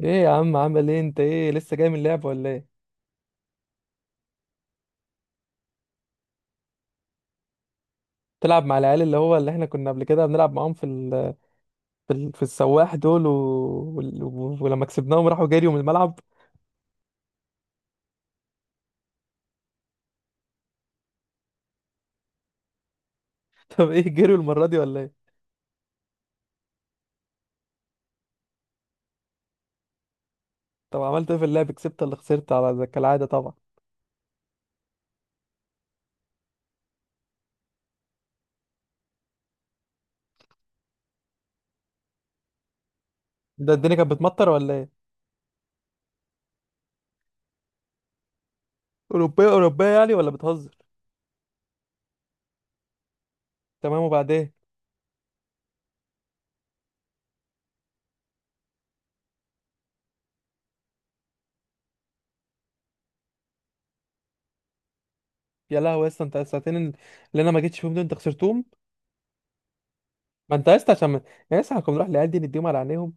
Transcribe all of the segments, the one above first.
ايه يا عم، عامل ايه؟ انت ايه، لسه جاي من اللعب ولا ايه؟ تلعب مع العيال اللي هو اللي احنا كنا قبل كده بنلعب معاهم في السواح دول ولما كسبناهم راحوا جريوا من الملعب. طب ايه، جريوا المرة دي ولا ايه؟ طب عملت ايه في اللعب، كسبت ولا خسرت على زي كالعادة طبعا؟ ده الدنيا كانت بتمطر ولا ايه؟ اوروبية اوروبية يعني ولا بتهزر؟ تمام، وبعدين؟ يا لهوي يا اسطى، انت الساعتين اللي انا ما جيتش فيهم دول انت خسرتهم؟ ما انت يا اسطى عشان، يا اسطى احنا كنا نروح العيال دي نديهم على عينيهم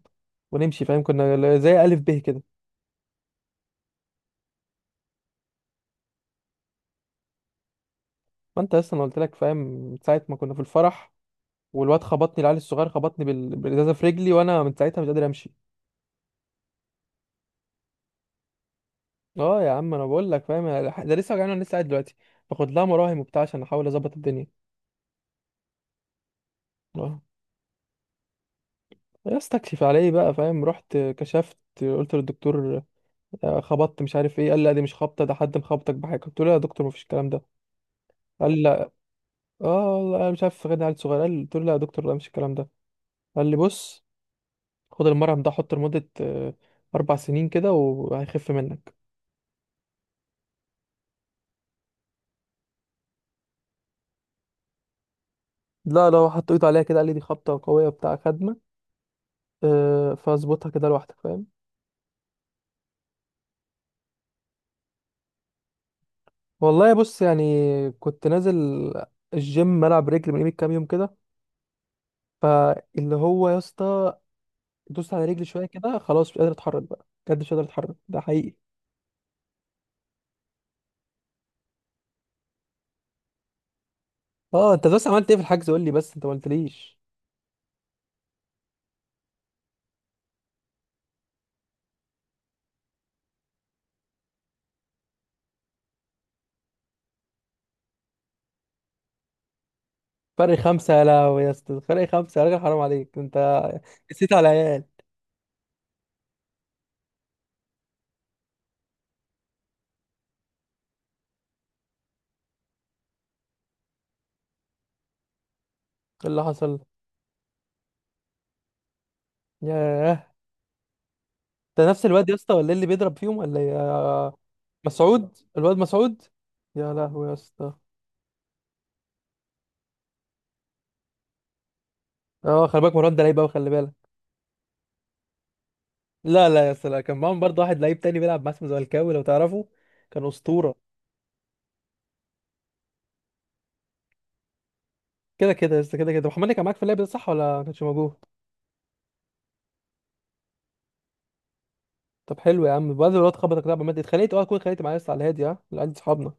ونمشي فاهم، كنا زي الف ب كده. ما انت لسه، انا قلت لك فاهم من ساعه ما كنا في الفرح والواد خبطني، العيل الصغير خبطني بالازازه في رجلي وانا من ساعتها مش قادر امشي. اه يا عم انا بقول لك فاهم، ده لسه وجعني وانا لسه قاعد دلوقتي باخد لها مراهم وبتاع عشان احاول اظبط الدنيا. اه، يا استكشف على ايه بقى فاهم، رحت كشفت قلت للدكتور خبطت مش عارف ايه، قال لا دي مش خبطه، ده حد مخبطك بحاجه، قلت له لا يا دكتور مفيش الكلام ده. قال لي لا. اه والله انا مش عارف غير عيل صغير، قال، قلت له لا يا دكتور لا مش الكلام ده. قال لي بص، خد المرهم ده حطه لمده 4 سنين كده وهيخف منك. لا، لو حط ايده عليها كده قال لي دي خبطة قوية بتاع خدمة. أه، فاظبطها كده لوحدك فاهم. والله بص يعني، كنت نازل الجيم العب رجل من قيمة كام يوم كده، فاللي هو يا اسطى دوست على رجلي شوية كده خلاص مش قادر اتحرك بقى، بجد مش قادر اتحرك، ده حقيقي. اه انت بس عملت ايه في الحجز؟ قول لي بس، انت ما قلتليش. فرق 5؟ يا لهوي يا اسطى، فرق 5؟ يا راجل حرام عليك انت، نسيت على العيال. ايه اللي حصل؟ ياه، ده نفس الواد يا اسطى ولا إيه اللي بيضرب فيهم ولا إيه؟ مسعود؟ الواد مسعود؟ يا لهوي يا اسطى. اه خلي بالك مروان ده لعيب قوي، خلي بالك. لا لا يا اسطى، لا كان معاهم برضه واحد لعيب تاني بيلعب مع، اسمه زملكاوي لو تعرفه، كان اسطوره. كده كده يا اسطى، كده كده محمد كان معاك في اللعب ده صح ولا ما كانش موجود؟ طب حلو يا عم، بعد الواد خبطك لعبه مادي اتخانقت، اه كنت اتخانقت معايا يا اسطى على الهادي، ها اللي عندي صحابنا.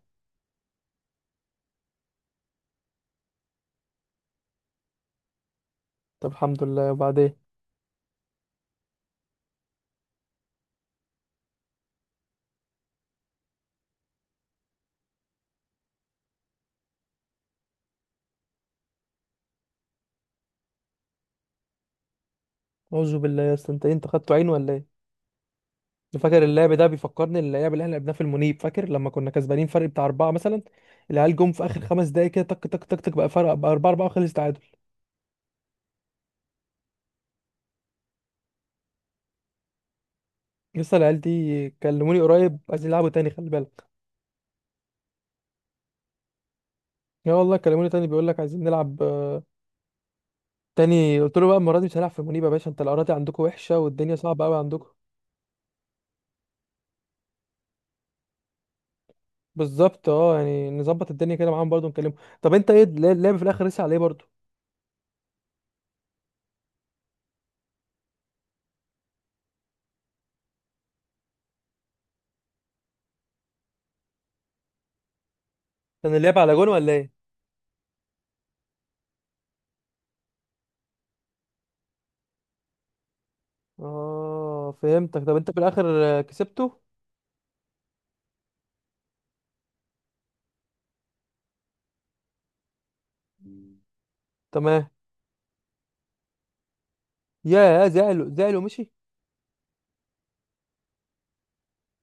طب الحمد لله، وبعدين؟ اعوذ بالله يا اسطى، انت إيه؟ انت خدته عين ولا ايه؟ أنا فاكر اللعب ده بيفكرني اللعب اللي احنا لعبناه في المنيب، فاكر لما كنا كسبانين فرق بتاع 4 مثلا، العيال جم في اخر 5 دقايق كده تك تك تك تك، بقى فرق بقى 4-4 وخلص. لسه العيال دي كلموني قريب عايزين يلعبوا تاني، خلي بالك. يا والله كلموني تاني، بيقول لك عايزين نلعب تاني، قلت له بقى المره دي مش هنلعب في منيبه يا باشا، انت الاراضي عندكم وحشه والدنيا صعبه قوي عندكم. بالظبط اه، يعني نظبط الدنيا كده معاهم برضه نكلمهم. طب انت ايه اللعب في الاخر لسه على ايه برضه؟ كان اللعب على جون ولا ايه؟ اه فهمتك، طب انت في الاخر كسبته؟ تمام. يا زعلوا، زعلوا مشي؟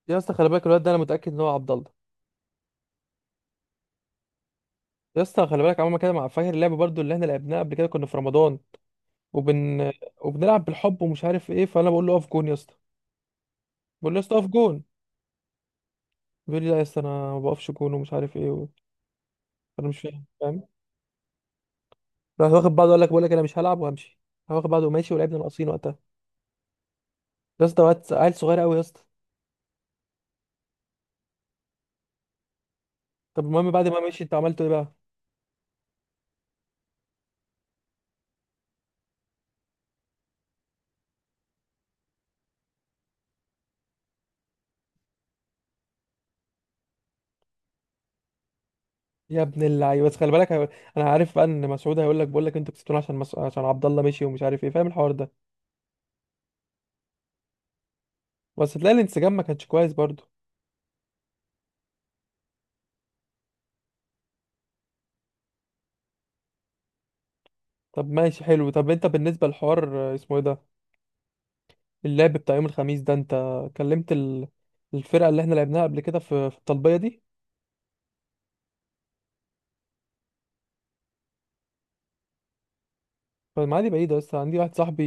يا اسطى خلي بالك الواد ده انا متاكد ان هو عبد الله. يا اسطى خلي بالك عمال كده مع، فاكر اللعب برضه اللي احنا لعبناه قبل كده كنا في رمضان وبن وبنلعب بالحب ومش عارف ايه، فانا بقول له اقف جون يا اسطى، بقول له يا اسطى اقف جون. بيقول لي لا يا اسطى، انا ما بقفش جون ومش عارف ايه انا مش فاهم فاهم. راح واخد بعضه، قال لك، بقول لك انا مش هلعب وهمشي، راح واخد بعضه وماشي ولعبنا ناقصين وقتها. يا اسطى، وقت عيل صغير قوي يا اسطى. طب المهم بعد ما مشي انت عملته ايه بقى؟ يا ابن اللعيبه، بس خلي بالك انا عارف بقى ان مسعود هيقول لك، بقول لك انتوا كسبتونا عشان عشان عبد الله مشي ومش عارف ايه، فاهم الحوار ده. بس تلاقي الانسجام ما كانش كويس برضه. طب ماشي حلو، طب انت بالنسبه للحوار اسمه ايه ده، اللعب بتاع يوم الخميس ده، انت كلمت الفرقة اللي احنا لعبناها قبل كده في في الطلبية دي؟ فالمعادي بعيدة، بس عندي واحد صاحبي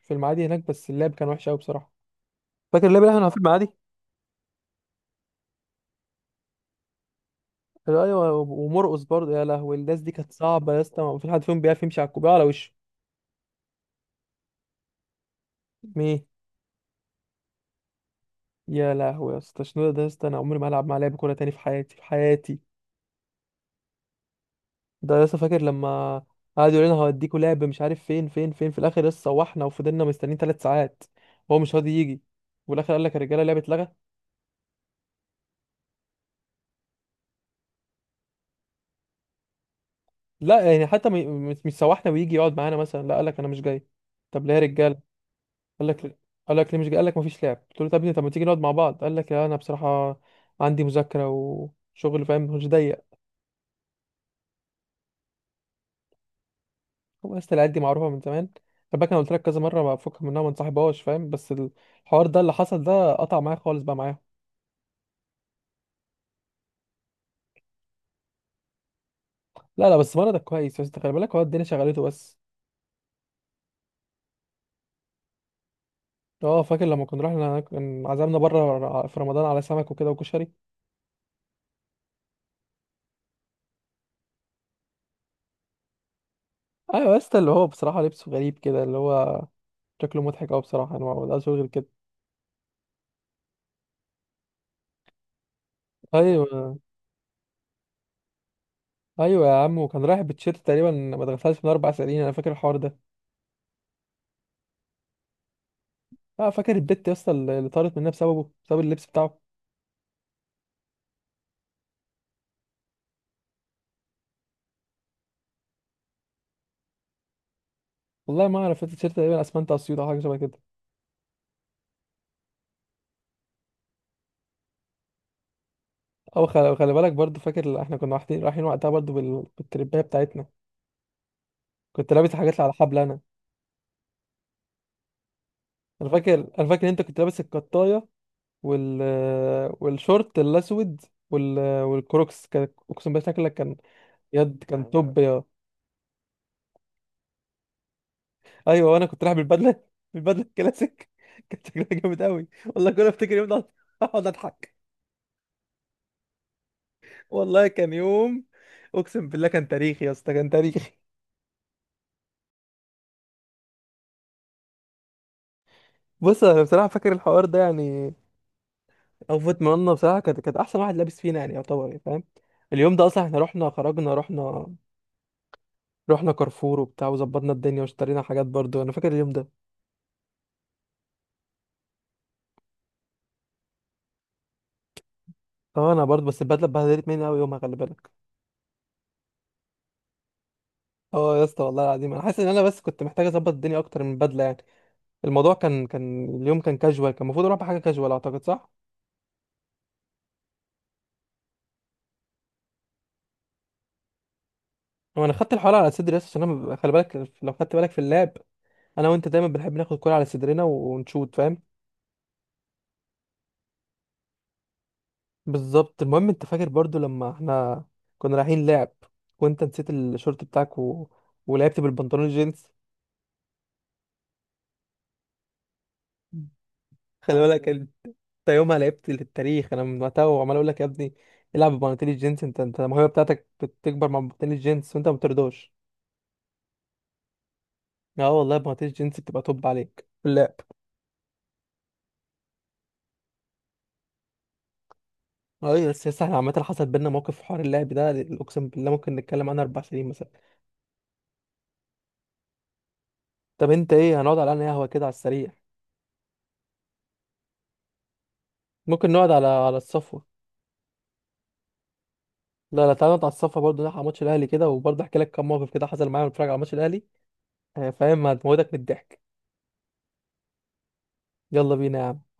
في المعادي هناك، بس اللعب كان وحش قوي بصراحة. فاكر اللعب اللي احنا كنا في المعادي؟ ايوه، ومرقص برضه، يا لهوي الناس دي كانت صعبة يا اسطى، ما في حد فيهم بيعرف يمشي على الكوباية على وشه. مين؟ يا لهوي يا اسطى، شنو ده يا اسطى، انا عمري ما هلعب مع لعب كورة تاني في حياتي في حياتي. ده يا اسطى فاكر لما قعد يقول لنا هوديكوا لعب مش عارف فين فين فين، في الاخر لسه روحنا وفضلنا مستنيين 3 ساعات وهو مش راضي يجي، وفي الاخر قال لك يا رجاله اللعبه اتلغت. لا يعني حتى مش سوحنا ويجي يقعد معانا مثلا، لا قال لك انا مش جاي، طب ليه يا رجاله؟ قال لك، قال لك ليه مش جاي، قال لك ما فيش لعب، قلت له طب يا ابني طب ما تيجي نقعد مع بعض، قال لك لا انا بصراحه عندي مذاكره وشغل فاهم، مش ضيق. هو اصل العيال دي معروفه من زمان، خلي بالك انا قلت لك كذا مره، ما بفك منها ما انصاحبهاش فاهم، بس الحوار ده اللي حصل ده قطع معايا خالص بقى معاهم. لا لا بس مرضك كويس، بس انت خلي بالك هو الدنيا شغلته بس. اه فاكر لما كنا رحنا، كان عزمنا بره في رمضان على سمك وكده وكشري. ايوه يا اسطى اللي هو بصراحه لبسه غريب كده، اللي هو شكله مضحك أوي بصراحة، أنا ما بقدرش غير كده. أيوه، أيوه يا عم، وكان رايح بتشيرت تقريبا ما دخلتهاش من 4 سنين، أنا فاكر الحوار ده. أه فاكر البت يا اسطى اللي، اللي طارت منها بسببه، بسبب اللبس بتاعه. والله ما أعرف، التيشيرت تقريبا أسمنت أسيوط أو حاجة شبه كده. أو خلي بالك برضه، فاكر إحنا كنا رايحين وقتها برضه بالترباية بتاعتنا، كنت لابس حاجات اللي على حبل أنا. أنا فاكر إن أنت كنت لابس القطاية وال والشورت الأسود والكروكس، كان أقسم بالله شكلك كان، يد، كان توب. ايوه وانا كنت رايح بالبدله، بالبدله الكلاسيك كانت شكلها جامد قوي والله، كل ما افتكر يوم ده اقعد اضحك. والله كان يوم، اقسم بالله كان تاريخي يا اسطى كان تاريخي. بص انا بصراحه فاكر الحوار ده يعني، اوفت منا بصراحه، كانت احسن واحد لابس فينا يعني، يعتبر يعني فاهم. اليوم ده اصلا احنا رحنا، خرجنا رحنا كارفور وبتاع وظبطنا الدنيا واشترينا حاجات، برضو انا فاكر اليوم ده. اه انا برضو، بس البدله اتبهدلت مني قوي يومها، خلي بالك. اه يا اسطى والله العظيم انا حاسس ان انا بس كنت محتاج اظبط الدنيا اكتر من البدله يعني، الموضوع كان اليوم كان كاجوال، كان المفروض اروح بحاجه كاجوال اعتقد، صح. وانا خدت الحوار على صدري بس عشان انا خلي بالك لو خدت بالك في اللاب، انا وانت دايما بنحب ناخد كوره على صدرنا ونشوت فاهم. بالظبط، المهم انت فاكر برضو لما احنا كنا رايحين لعب وانت نسيت الشورت بتاعك ولعبت بالبنطلون الجينز. خلي بالك انت يومها لعبت للتاريخ، انا من وقتها وعمال اقول لك يا ابني العب ببناطيل الجينز، انت الموهبه بتاعتك بتكبر مع بناطيل الجينز وانت ما بترضاش. اه والله بناطيل الجينز بتبقى توب عليك لا. ايوه، بس بس احنا عامة حصل بينا موقف في حوار اللعب ده، اقسم بالله ممكن نتكلم عنه 4 سنين مثلا. طب انت ايه، هنقعد على انهي قهوة كده على السريع؟ ممكن نقعد على، على الصفوة. لا لا، تعالى نقعد على الصفوة برضه، نلحق ماتش الاهلي كده، وبرضه احكي لك كام موقف كده حصل معايا وانا بتفرج على ماتش الاهلي فاهم، هتموتك من الضحك. يلا بينا يا عم.